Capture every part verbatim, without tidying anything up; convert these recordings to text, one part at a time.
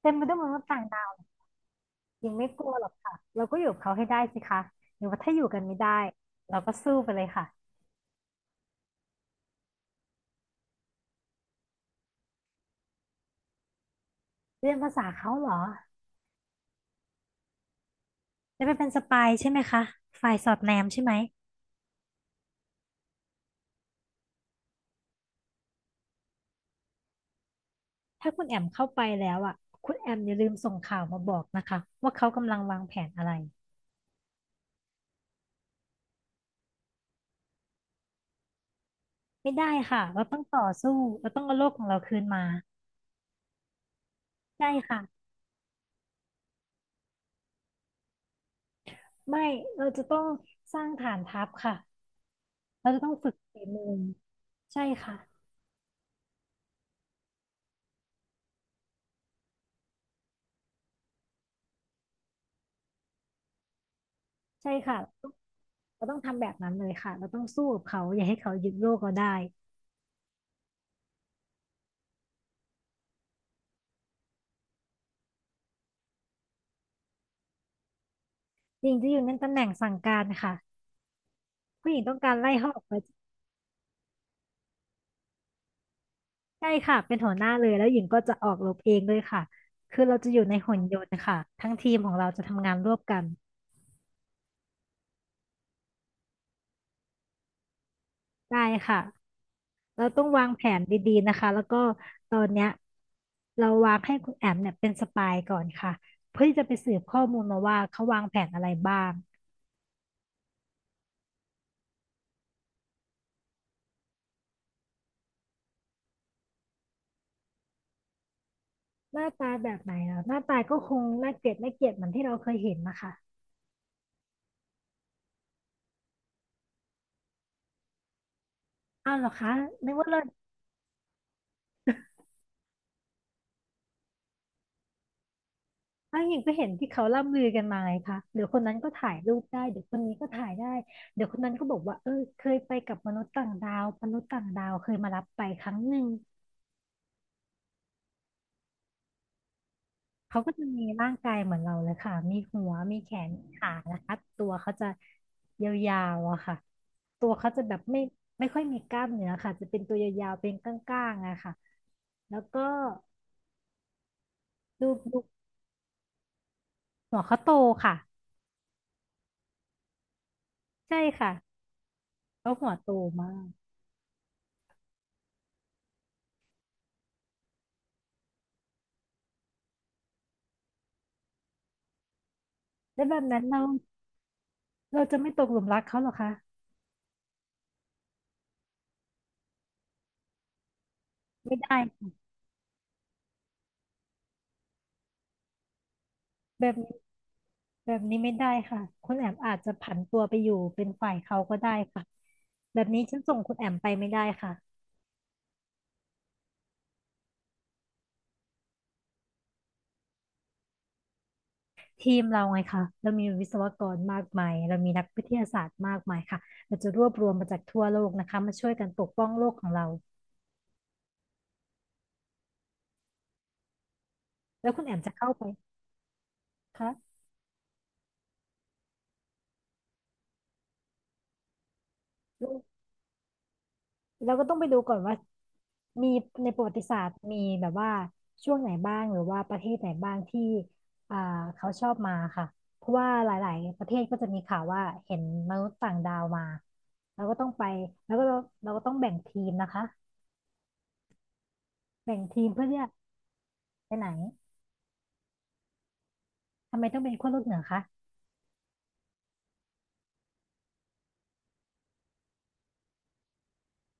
เต็มไปด้วยมนุษย์ต่างดาวยญิงไม่กลัวหรอกค่ะเราก็อยู่กับเขาให้ได้สิคะหรือว่าถ้าอยู่กันไม่ได้เราก็สู้ไปเลยค่ะเรียนภาษาเขาเหรอจะไปเป็นสปายใช่ไหมคะฝ่ายสอดแนมใช่ไหมถ้าคุณแอมเข้าไปแล้วอ่ะคุณแอมอย่าลืมส่งข่าวมาบอกนะคะว่าเขากำลังวางแผนอะไรไม่ได้ค่ะเราต้องต่อสู้เราต้องเอาโลกของเราคืนมาใช่ค่ะไม่เราจะต้องสร้างฐานทัพค่ะเราจะต้องฝึกฝีมือใช่ค่ะใช่ค่ะ เราต้องทำแบบนั้นเลยค่ะ เราต้องสู้กับเขาอย่าให้เขายึดโลกเราได้หญิงจะอยู่ในตำแหน่งสั่งการค่ะผู้หญิงต้องการไล่เขาออกไปใช่ค่ะเป็นหัวหน้าเลยแล้วหญิงก็จะออกรบเองด้วยค่ะคือเราจะอยู่ในหุ่นยนต์ค่ะทั้งทีมของเราจะทำงานร่วมกันได้ค่ะเราต้องวางแผนดีๆนะคะแล้วก็ตอนเนี้ยเราวางให้คุณแอมเนี่ยเป็นสปายก่อนค่ะเพื่อที่จะไปสืบข้อมูลมาว่าเขาวางแผนอะไรบ้างหน้าตาแบบไหนเหรอหน้าตาก็คงน่าเกลียดน่าเกลียดเหมือนที่เราเคยเห็นนะคะ อ้าวเหรอคะนึกว่าเลิศอ้าวหญิงก็เห็นที่เขาล่ำลือกันมาไงคะเดี๋ยวคนนั้นก็ถ่ายรูปได้เดี๋ยวคนนี้ก็ถ่ายได้เดี๋ยวคนนั้นก็บอกว่าเออเคยไปกับมนุษย์ต่างดาวมนุษย์ต่างดาวเคยมารับไปครั้งหนึ่งเขาก็จะมีร่างกายเหมือนเราเลยค่ะมีหัวมีแขนมีขานะคะตัวเขาจะยาวๆอะค่ะตัวเขาจะแบบไม่ไม่ค่อยมีกล้ามเนื้อค่ะจะเป็นตัวยาวๆเป็นก้างๆอะค่ะแล้วก็ดูดูหัวเขาโตค่ะใช่ค่ะเขาหัวโตมาก แล้วแบบนั้นเราเราจะไม่ตกหลุมรักเขาเหรอคะไม่ได้ค่ะแบบนี้แบบนี้ไม่ได้ค่ะคุณแอมอาจจะผันตัวไปอยู่เป็นฝ่ายเขาก็ได้ค่ะแบบนี้ฉันส่งคุณแอมไปไม่ได้ค่ะทีมเราไงคะเรามีวิศวกรมากมายเรามีนักวิทยาศาสตร์มากมายค่ะเราจะรวบรวมมาจากทั่วโลกนะคะมาช่วยกันปกป้องโลกของเราแล้วคุณแอมจะเข้าไปคะ เราก็ต้องไปดูก่อนว่ามีในประวัติศาสตร์มีแบบว่าช่วงไหนบ้างหรือว่าประเทศไหนบ้างที่อ่าเขาชอบมาค่ะเพราะว่าหลายๆประเทศก็จะมีข่าวว่าเห็นมนุษย์ต่างดาวมาเราก็ต้องไปแล้วก็เราเราก็ต้องแบ่งทีมนะคะแบ่งทีมเพื่อที่จะไปไหนทำไมต้องเป็นขั้วโลกเหนือคะ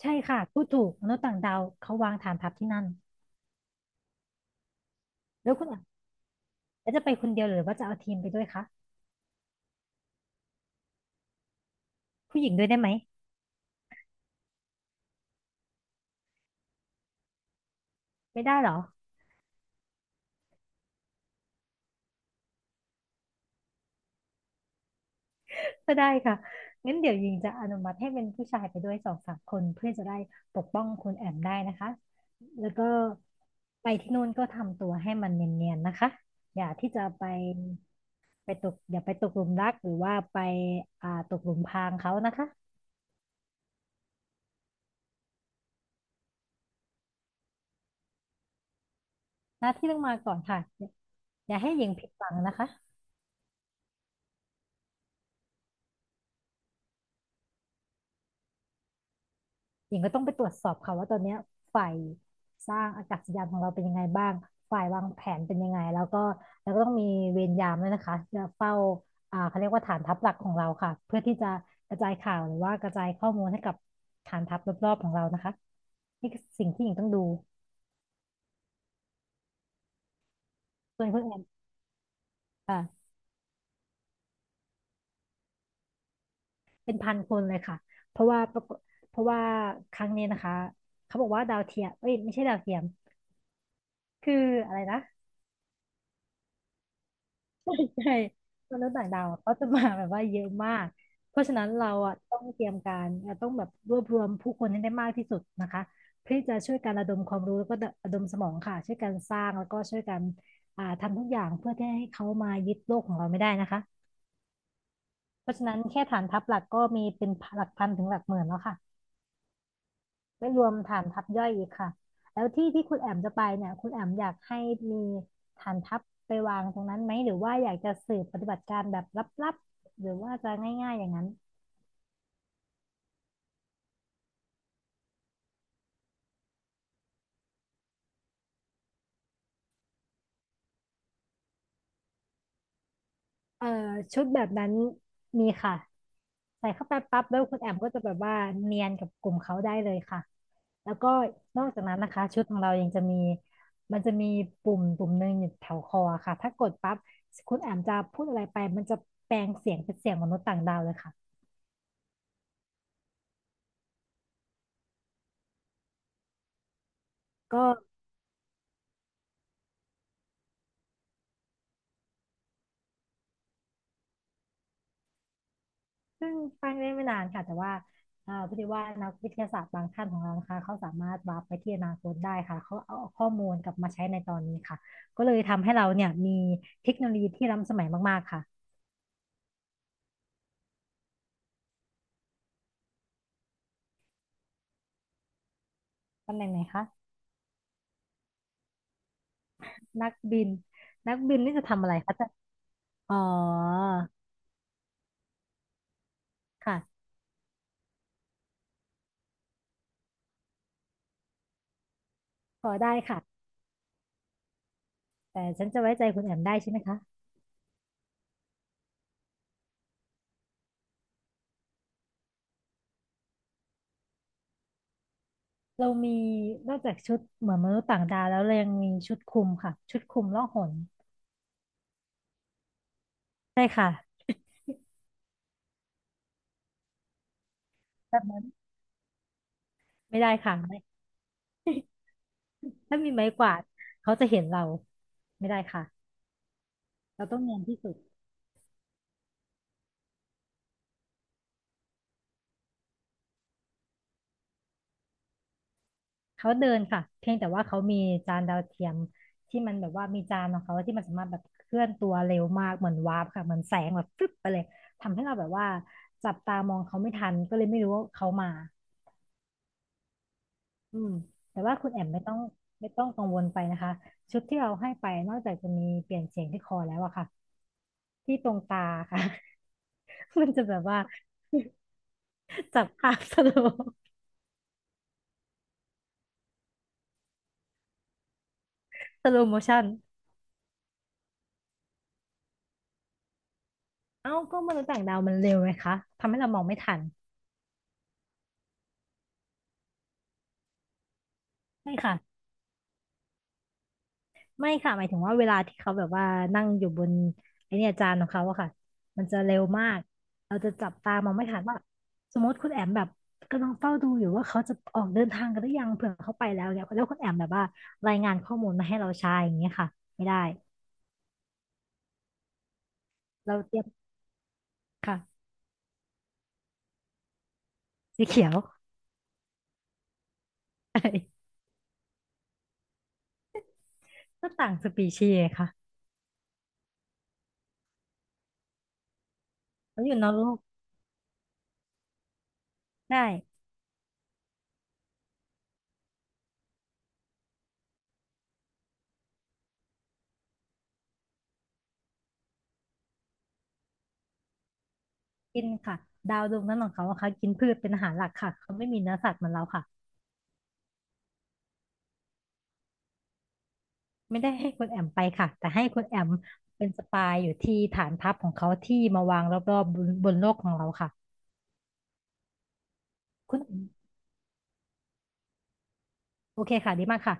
ใช่ค่ะพูดถูกมนุษย์ต่างดาวเขาวางฐานทัพที่นั่นแล้วคุณอ่ะแล้วจะไปคนเดียวหรือว่าจะเอาทีมไปด้วยคะผู้หญิงด้วยได้ไหมไม่ได้เหรอ ก็ได้ค่ะงั้นเดี๋ยวยิงจะอนุมัติให้เป็นผู้ชายไปด้วยสองสามคนเพื่อจะได้ปกป้องคุณแอมได้นะคะ แล้วก็ไปที่นู่นก็ทำตัวให้มันเนียนๆนะคะ อย่าที่จะไปไปตกอย่าไปตกหลุมรักหรือว่าไปอ่าตกหลุมพรางเขานะคะหน้าที่ต้องมาก่อนค่ะอย่าให้หญิงผิดหวังนะคะ หญิงก็ต้องไปตรวจสอบค่ะว่าตอนเนี้ยฝ่ายสร้างอากาศยานของเราเป็นยังไงบ้างฝ่ายวางแผนเป็นยังไงแล้วก็แล้วก็ต้องมีเวรยามด้วยนะคะจะเฝ้าอ่าเขาเรียกว่าฐานทัพหลักของเราค่ะเพื่อที่จะกระจายข่าวหรือว่ากระจายข้อมูลให้กับฐานทัพรอบๆของเรานะคะนี่คือสิ่งที่หญิงต้องดูส่วนคุณแอนอ่าเป็นพันคนเลยค่ะเพราะว่าเพราะว่าครั้งนี้นะคะเขาบอกว่าดาวเทียมเอ้ยไม่ใช่ดาวเทียมคืออะไรนะ ใช่มนุษย์ต่างดาวอะเขาจะมาแบบว่าเยอะมากเพราะฉะนั้นเราอ่ะต้องเตรียมการเราต้องแบบรวบรวมผู้คนให้ได้มากที่สุดนะคะเพื่อที่จะช่วยกันระดมความรู้แล้วก็ระดมสมองค่ะช่วยกันสร้างแล้วก็ช่วยกันอ่าทำทุกอย่างเพื่อที่ให้เขามายึดโลกของเราไม่ได้นะคะเพราะฉะนั้นแค่ฐานทัพหลักก็มีเป็นหลักพันถึงหลักหมื่นแล้วค่ะ ไม่รวมฐานทัพย่อยอีกค่ะแล้วที่ที่คุณแอมจะไปเนี่ยคุณแอมอยากให้มีฐานทัพไปวางตรงนั้นไหมหรือว่าอยากจะสืบปฏิบัติการแบบลับๆหรือว่าจะง่ายๆอย่างนั้นเอ่อชุดแบบนั้นมีค่ะใส่เข้าไปปั๊บแล้วคุณแอมก็จะแบบว่าเนียนกับกลุ่มเขาได้เลยค่ะแล้วก็นอกจากนั้นนะคะชุดของเรายังจะมีมันจะมีปุ่มปุ่มหนึ่งอยู่แถวคอค่ะถ้ากดปั๊บคุณแอมจะพูดอะไรไปมันจะแปลงเสียงเป็นเสียงมนุษย์ต่างดาวเลยค่ะก็ เพิ่งตั้งได้ไม่นานค่ะแต่ว่าอ่าพอดีว่านักวิทยาศาสตร์บางท่านของเรานะคะเขาสามารถวาร์ปไปที่อนาคตได้ค่ะเขาเอาข้อมูลกลับมาใช้ในตอนนี้ค่ะก็เลยทำให้เราเนี่ยมีเทคโนโลยีที่ล้ำสมัยมากๆค่ะตำแหน่งไหนคะนักบินนักบินนี่จะทำอะไรคะจะอ๋อค่ะขอได้ค่ะแต่ฉันจะไว้ใจคุณแอมได้ใช่ไหมคะเรามีนอกจากชุดเหมือนมนุษย์ต่างดาวแล้วเรายังมีชุดคลุมค่ะชุดคลุมล่องหนใช่ค่ะแบบนั้นไม่ได้ค่ะ ถ้ามีไม้กวาดเขาจะเห็นเราไม่ได้ค่ะเราต้องเนียนที่สุดเขาเดินค่ะเพียงแต่ว่าเขามีจานดาวเทียมที่มันแบบว่ามีจานของเขาที่มันสามารถแบบเคลื่อนตัวเร็วมากเหมือนวาร์ปค่ะเหมือนแสงแบบฟึบไปเลย ทำให้เราแบบว่าจับตามองเขาไม่ทันก็เลยไม่รู้ว่าเขามาอืมแต่ว่าคุณแอมไม่ต้องไม่ต้องกังวลไปนะคะ ชุดที่เราให้ไปนอกจากจะมีเปลี่ยนเสียงที่คอแล้วอะค่ะ ที่ตรงตาค่ะ มันจะแบบว่า จับภาพสโลสโลโมชัน เอ้าก็มนุษย์ต่างดาวมันเร็วไหมคะทำให้เรามองไม่ทันไม่ค่ะไม่ค่ะหมายถึงว่าเวลาที่เขาแบบว่านั่งอยู่บนไอเนี่ยจานของเขาอะค่ะมันจะเร็วมากเราจะจับตามองไม่ทันว่าสมมติคุณแอมแบบกำลังเฝ้าดูอยู่ว่าเขาจะออกเดินทางกันหรือยังเผื่อเขาไปแล้วเนี่ยแล้วคุณแอมแบบว่ารายงานข้อมูลมาให้เราใช้อย่างเงี้ยค่ะไม่ได้เราเตรียมค่ะสีเขียว ก็ต่างสปีชีส์ไงค่ะเราอยู่นอกโลกได้ กินค่ะดาวดวงนั้นของเขาอะค่ะกินพืชเป็นอาหารหลักค่ะเขาไม่มีเนื้อสัตว์เหมือนเราค่ะไม่ได้ให้คุณแอมไปค่ะแต่ให้คุณแอมเป็นสปายอยู่ที่ฐานทัพของเขาที่มาวางรอบๆบนบนโลกของเราค่ะคุณแอมโอเคค่ะดีมากค่ะ